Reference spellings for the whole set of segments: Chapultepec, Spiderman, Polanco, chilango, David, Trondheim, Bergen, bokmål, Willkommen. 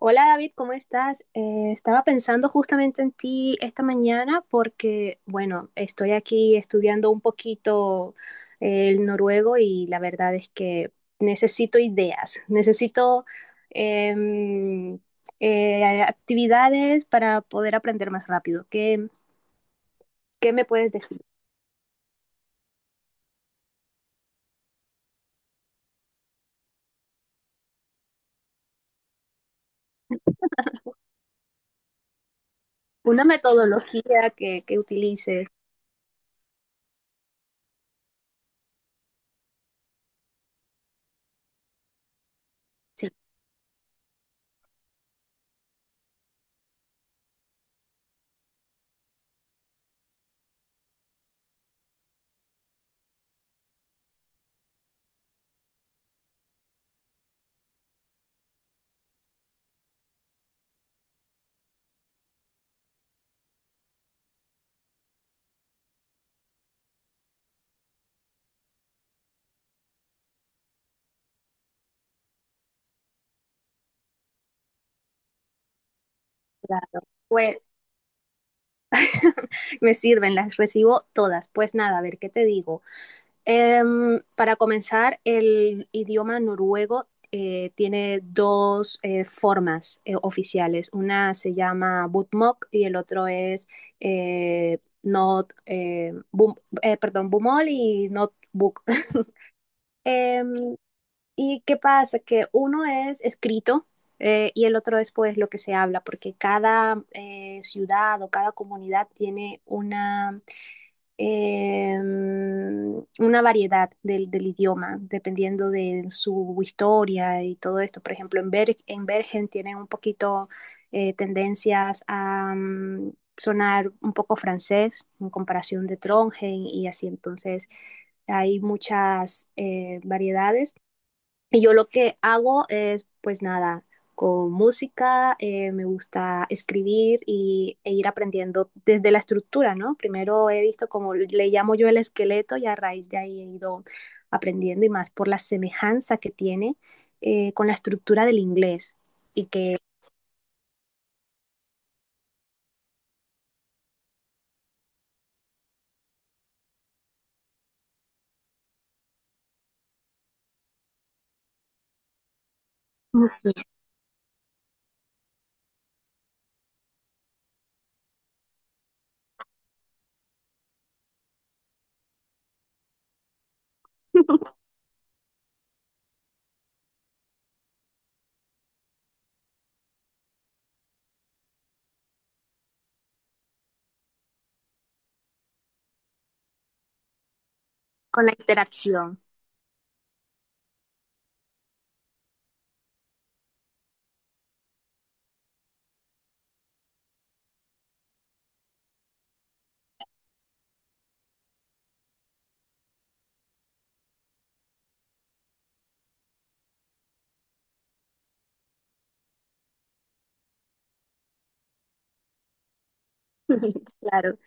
Hola David, ¿cómo estás? Estaba pensando justamente en ti esta mañana porque, bueno, estoy aquí estudiando un poquito el noruego y la verdad es que necesito ideas, necesito em, actividades para poder aprender más rápido. ¿Qué me puedes decir? Una metodología que utilices. Sí, claro. Pues, me sirven, las recibo todas. Pues nada, a ver, ¿qué te digo? Em, para comenzar, el idioma noruego tiene dos formas oficiales. Una se llama bokmål y el otro es not, bum- perdón, bumol y not book. Em, ¿Y qué pasa? Que uno es escrito y el otro es pues lo que se habla, porque cada ciudad o cada comunidad tiene eh, una variedad del idioma, dependiendo de su historia y todo esto. Por ejemplo, en Bergen tienen un poquito tendencias a sonar un poco francés en comparación de Trondheim y así. Entonces, hay muchas variedades y yo lo que hago es, pues nada, con música, me gusta escribir y, e ir aprendiendo desde la estructura, ¿no? Primero he visto como le llamo yo el esqueleto y a raíz de ahí he ido aprendiendo y más por la semejanza que tiene con la estructura del inglés y que con la interacción, claro.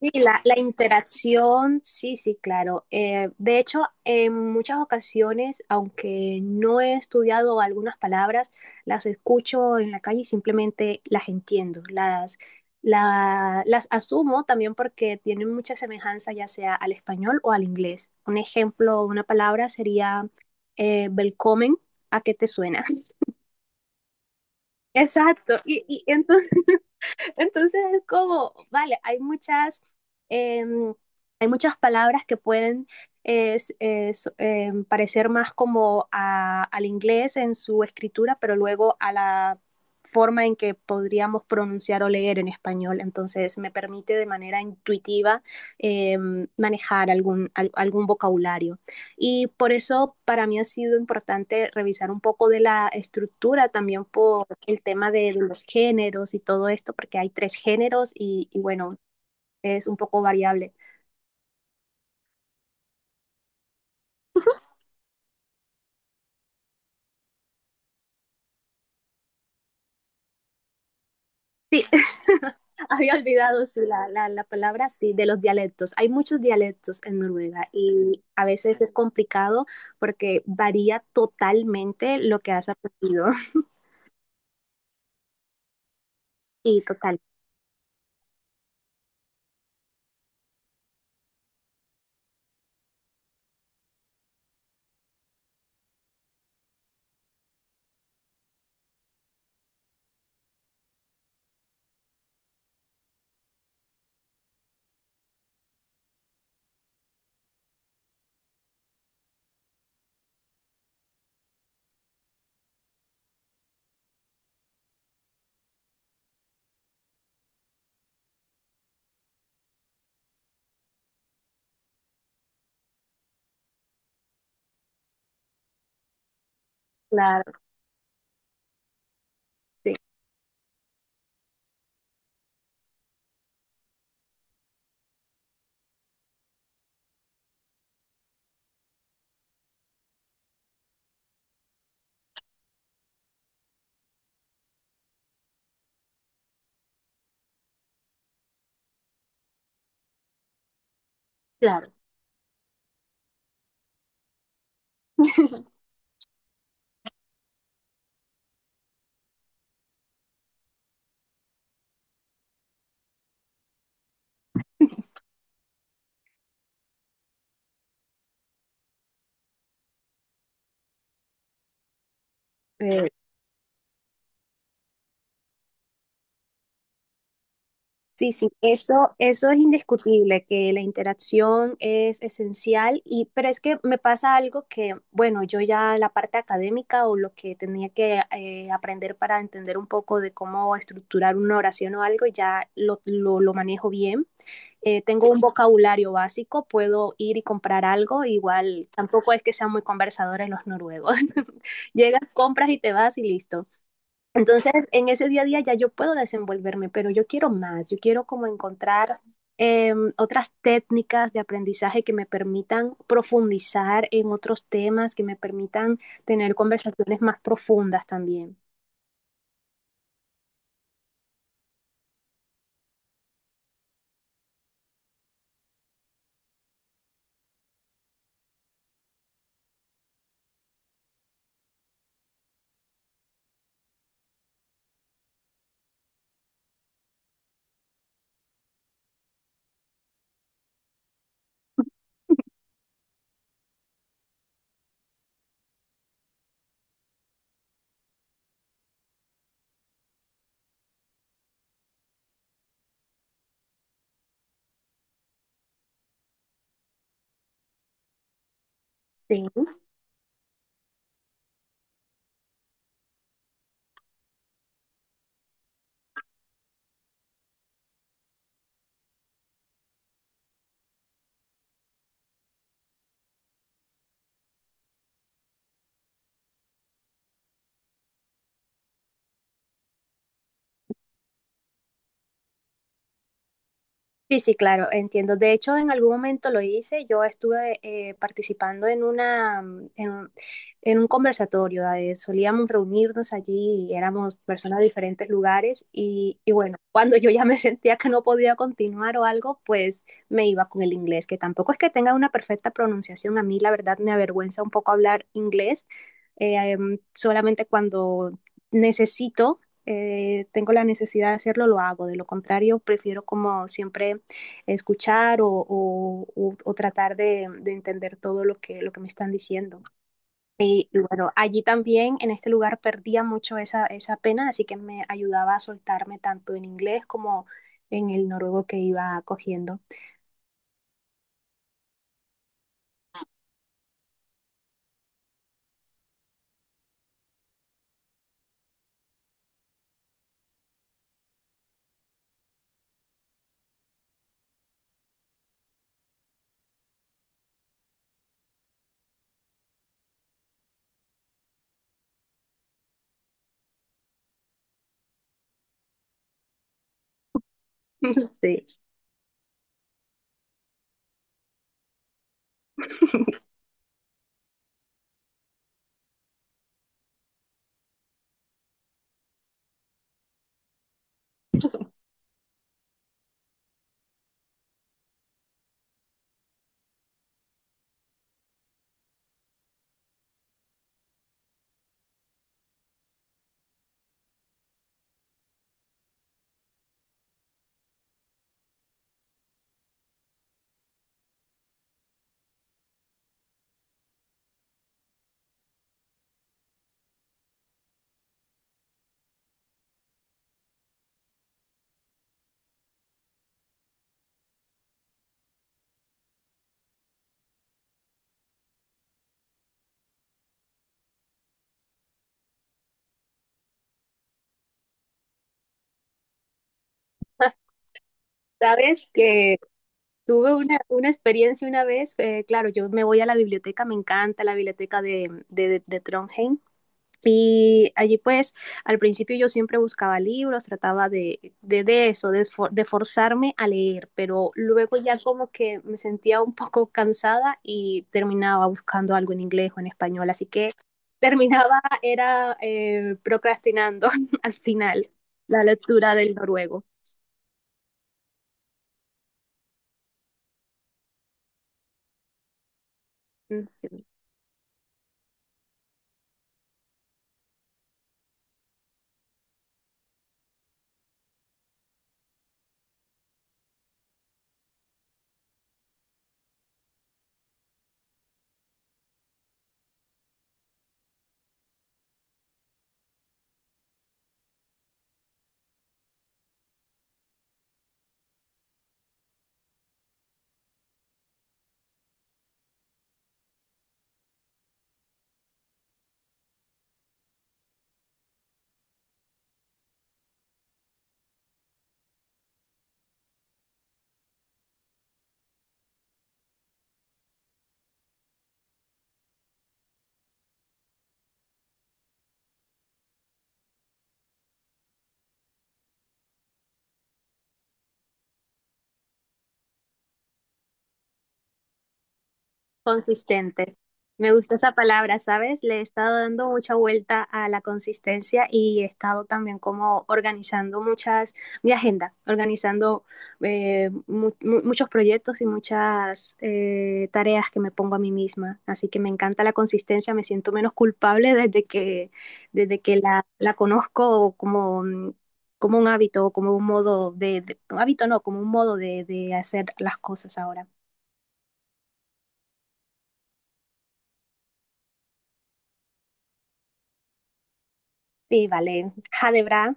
Sí, la interacción, sí, sí, claro. De hecho, en muchas ocasiones, aunque no he estudiado algunas palabras, las escucho en la calle y simplemente las entiendo, las asumo también porque tienen mucha semejanza ya sea al español o al inglés. Un ejemplo, una palabra sería "Willkommen", ¿a qué te suena? Exacto, y entonces... Entonces es como, vale, eh, hay muchas palabras que pueden parecer más como al inglés en su escritura, pero luego a la forma en que podríamos pronunciar o leer en español. Entonces me permite de manera intuitiva eh, manejar algún vocabulario. Y por eso para mí ha sido importante revisar un poco de la estructura también por el tema de los géneros y todo esto, porque hay tres géneros y bueno, es un poco variable. Sí, había olvidado sí, palabra, sí, de los dialectos. Hay muchos dialectos en Noruega y a veces es complicado porque varía totalmente lo que has aprendido. Sí, total, claro, sí, claro. eh, Sí, sí, eso es indiscutible, que la interacción es esencial y, pero es que me pasa algo que, bueno, yo ya la parte académica o lo que tenía que aprender para entender un poco de cómo estructurar una oración o algo, ya lo manejo bien. Tengo un vocabulario básico, puedo ir y comprar algo, igual tampoco es que sean muy conversadores los noruegos. Llegas, compras y te vas y listo. Entonces, en ese día a día ya yo puedo desenvolverme, pero yo quiero más, yo quiero como encontrar otras técnicas de aprendizaje que me permitan profundizar en otros temas, que me permitan tener conversaciones más profundas también. Sí. Sí, sí, claro, entiendo. De hecho, en algún momento lo hice. Yo estuve participando en una, mm, en un conversatorio. Solíamos reunirnos allí y éramos personas de diferentes lugares. Y bueno, cuando yo ya me sentía que no podía continuar o algo, pues me iba con el inglés, que tampoco es que tenga una perfecta pronunciación. A mí, la verdad, me avergüenza un poco hablar inglés. Solamente cuando necesito, tengo la necesidad de hacerlo, lo hago. De lo contrario, prefiero como siempre escuchar o tratar de entender todo lo que me están diciendo. Y bueno, allí también en este lugar perdía mucho esa, esa pena, así que me ayudaba a soltarme tanto en inglés como en el noruego que iba cogiendo. Sí. Sabes que tuve una experiencia una vez, claro, yo me voy a la biblioteca, me encanta la biblioteca de Trondheim. Y allí pues al principio yo siempre buscaba libros, trataba de eso, de, de forzarme a leer, pero luego ya como que me sentía un poco cansada y terminaba buscando algo en inglés o en español, así que terminaba, era procrastinando al final la lectura del noruego. Mm, sí. Consistentes. Me gusta esa palabra, ¿sabes? Le he estado dando mucha vuelta a la consistencia y he estado también como organizando muchas, mi agenda, organizando muchos proyectos y muchas tareas que me pongo a mí misma. Así que me encanta la consistencia, me siento menos culpable desde que la conozco como, mm, como un hábito, como un modo un hábito no, como un modo de hacer las cosas ahora. Sí, vale. Jadebra.